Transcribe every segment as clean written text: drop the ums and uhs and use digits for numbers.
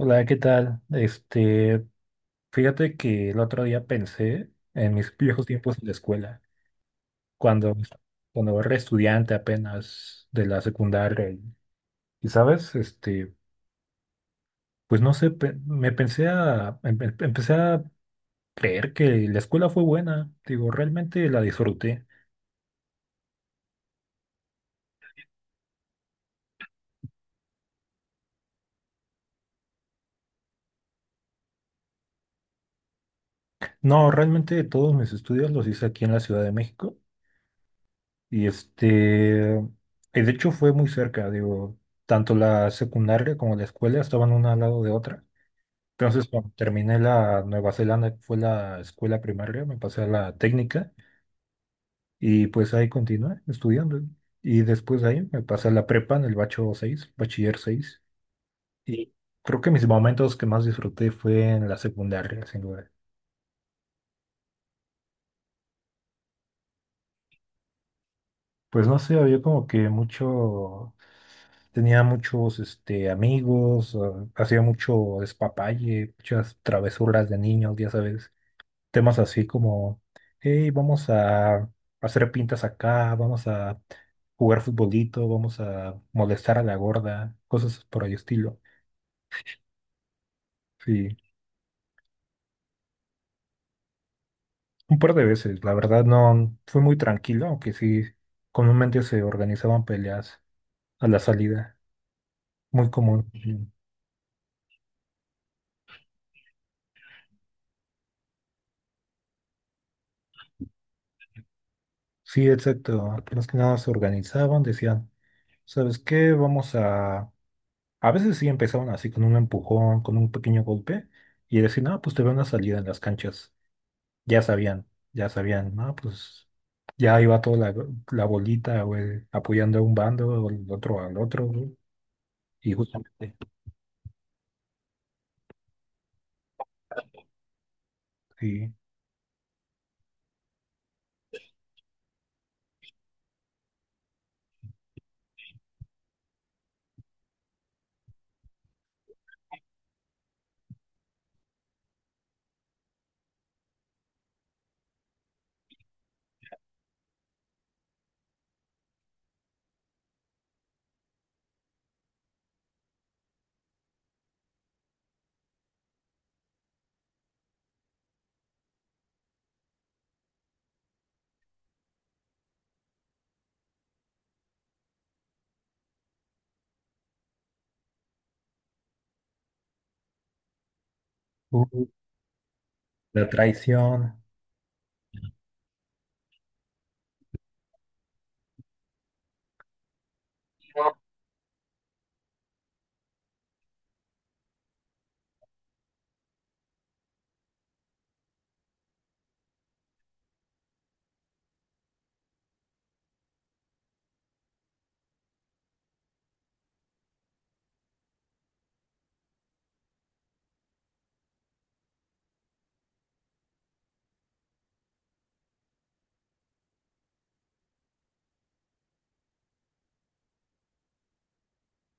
Hola, ¿qué tal? Fíjate que el otro día pensé en mis viejos tiempos en la escuela, cuando, cuando era estudiante apenas de la secundaria. Y, sabes, pues no sé, me pensé a, empecé a creer que la escuela fue buena. Digo, realmente la disfruté. No, realmente todos mis estudios los hice aquí en la Ciudad de México. Y este, y de hecho fue muy cerca, digo, tanto la secundaria como la escuela estaban una al lado de otra. Entonces, bueno, terminé la Nueva Zelanda, que fue la escuela primaria, me pasé a la técnica y pues ahí continué estudiando. Y después de ahí me pasé a la prepa en el bacho 6, bachiller seis. Y creo que mis momentos que más disfruté fue en la secundaria, sin duda. Pues no sé, había como que mucho, tenía muchos amigos, hacía mucho despapalle, muchas travesuras de niños, ya sabes. Temas así como, hey, vamos a hacer pintas acá, vamos a jugar futbolito, vamos a molestar a la gorda, cosas por el estilo. Sí, un par de veces, la verdad no fue muy tranquilo, aunque sí, comúnmente se organizaban peleas a la salida, muy común. Ujú. Sí, exacto, más que nada se organizaban, decían, ¿sabes qué? Vamos a... A veces sí empezaban así con un empujón, con un pequeño golpe, y decían, ah, pues te van a salir en las canchas. Ya sabían, ya sabían, ¿no? Pues ya iba toda la bolita, güey, apoyando a un bando, o el otro al otro, güey, y justamente, sí, uh, la traición,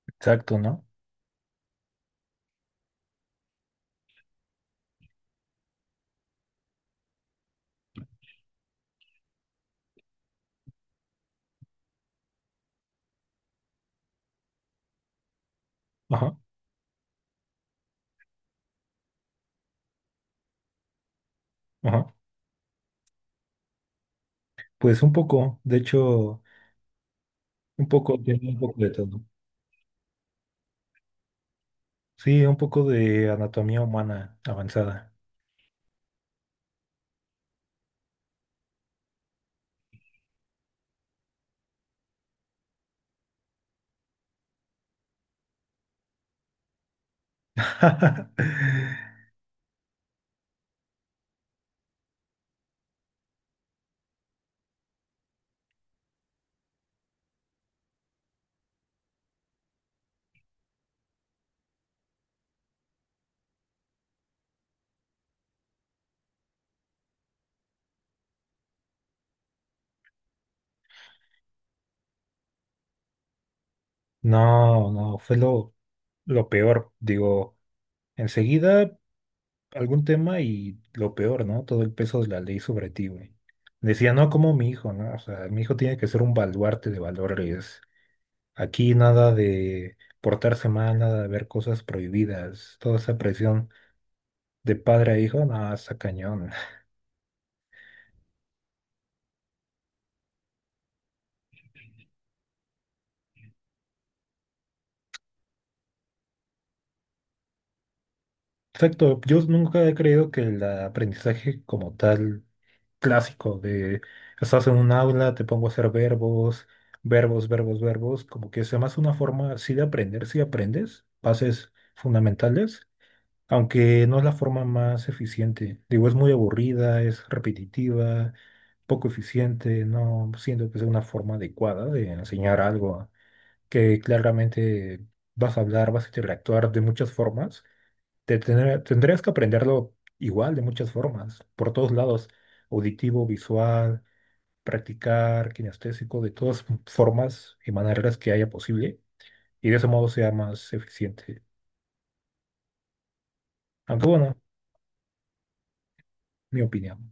exacto, ¿no? Ajá, ajá. Pues un poco, de hecho, un poco, tiene un poco de todo. Sí, un poco de anatomía humana avanzada. No, no, fue lo peor. Digo, enseguida algún tema y lo peor, ¿no? Todo el peso de la ley sobre ti, güey. Decía, no como mi hijo, ¿no? O sea, mi hijo tiene que ser un baluarte de valores. Aquí nada de portarse mal, nada de ver cosas prohibidas. Toda esa presión de padre a hijo, no, está cañón. Exacto, yo nunca he creído que el aprendizaje como tal clásico de estás en un aula, te pongo a hacer verbos, verbos, verbos, verbos, como que sea más una forma así de aprender, si aprendes, bases fundamentales aunque no es la forma más eficiente. Digo, es muy aburrida, es repetitiva, poco eficiente, no siento que sea una forma adecuada de enseñar algo que claramente vas a hablar, vas a interactuar de muchas formas. Tendrías que aprenderlo igual de muchas formas, por todos lados, auditivo, visual, practicar, kinestésico, de todas formas y maneras que haya posible, y de ese modo sea más eficiente. Aunque bueno, mi opinión.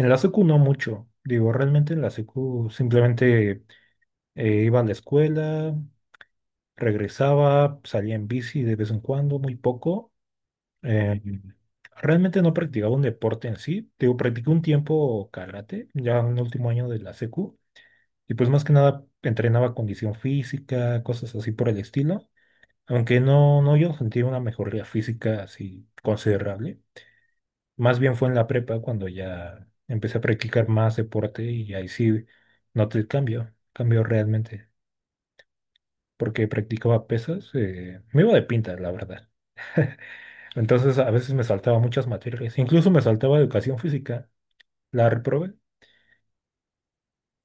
En la secu no mucho. Digo, realmente en la secu simplemente iba a la escuela, regresaba, salía en bici de vez en cuando, muy poco. Eh, realmente no practicaba un deporte en sí. Digo, practiqué un tiempo karate, ya en el último año de la secu. Y pues más que nada entrenaba condición física, cosas así por el estilo. Aunque no, no yo sentía una mejoría física así considerable. Más bien fue en la prepa cuando ya empecé a practicar más deporte y ahí sí noté el cambio, cambio realmente, porque practicaba pesas, me iba de pinta, la verdad. Entonces a veces me saltaba muchas materias, incluso me saltaba educación física, la reprobé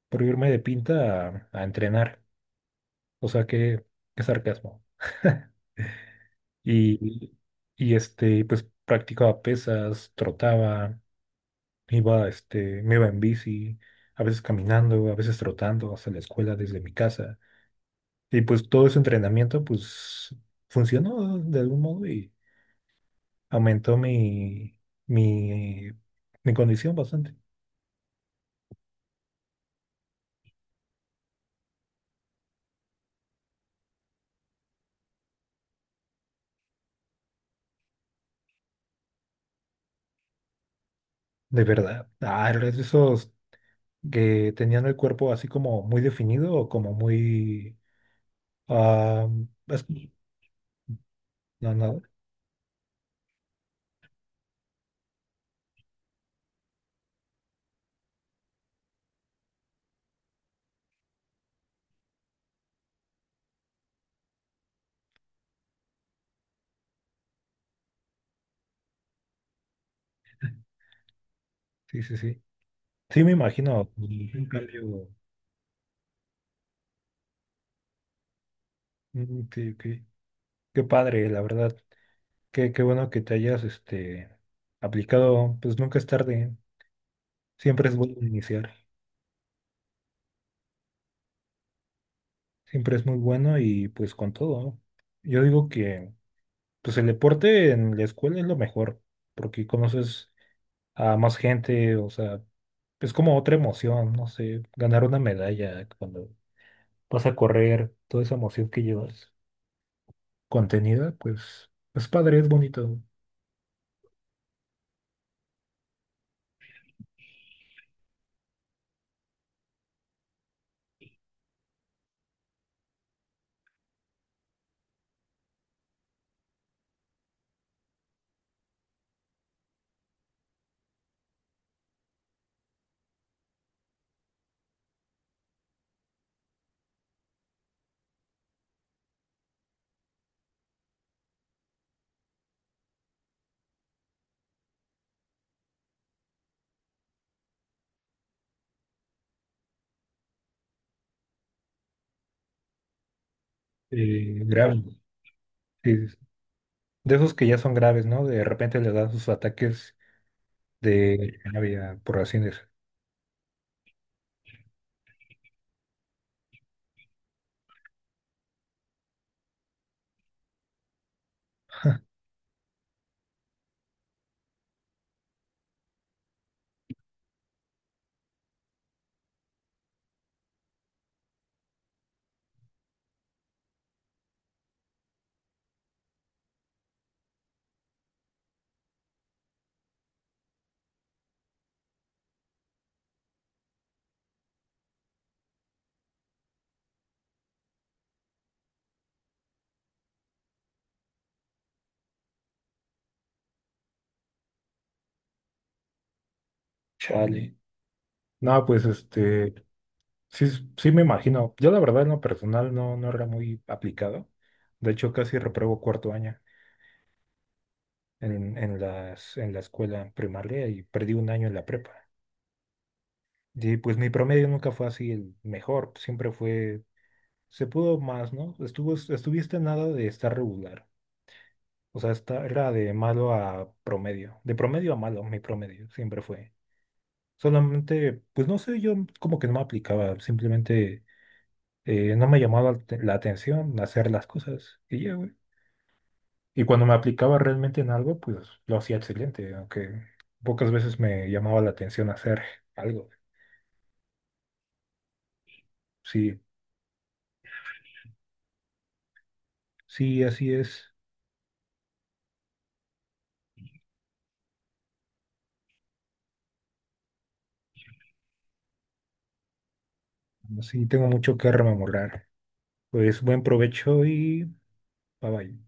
por irme de pinta a entrenar, o sea, qué, qué sarcasmo. Y, y pues practicaba pesas, trotaba, iba, me iba en bici, a veces caminando, a veces trotando hasta la escuela desde mi casa. Y pues todo ese entrenamiento, pues, funcionó de algún modo y aumentó mi, mi condición bastante. ¿De verdad? Ah, eres de esos que tenían el cuerpo así como muy definido o como muy... ah, es- no, no. Sí, sí, sí. Sí, me imagino. Un cambio. Mm, sí, qué padre, la verdad. Qué bueno que te hayas aplicado, pues nunca es tarde, siempre es bueno iniciar, siempre es muy bueno y pues con todo, ¿no? Yo digo que pues el deporte en la escuela es lo mejor, porque conoces a más gente, o sea, es como otra emoción, no sé, ganar una medalla cuando vas a correr, toda esa emoción que llevas contenida, pues es padre, es bonito, grave, sí, sí, sí. De esos que ya son graves, ¿no? De repente les dan sus ataques de Navidad, por así decirlo. Chale. No, pues este, sí, sí me imagino. Yo la verdad en lo personal no, no era muy aplicado. De hecho, casi repruebo cuarto año en la escuela primaria y perdí un año en la prepa. Y pues mi promedio nunca fue así el mejor, siempre fue, se pudo más, ¿no? Estuvo, estuviste a nada de estar regular. O sea, era de malo a promedio, de promedio a malo, mi promedio siempre fue. Solamente, pues no sé, yo como que no me aplicaba, simplemente no me llamaba la atención hacer las cosas y ya, güey. Y cuando me aplicaba realmente en algo, pues lo hacía excelente, aunque pocas veces me llamaba la atención hacer algo. Sí, sí, así es. Así tengo mucho que rememorar. Pues buen provecho y bye bye.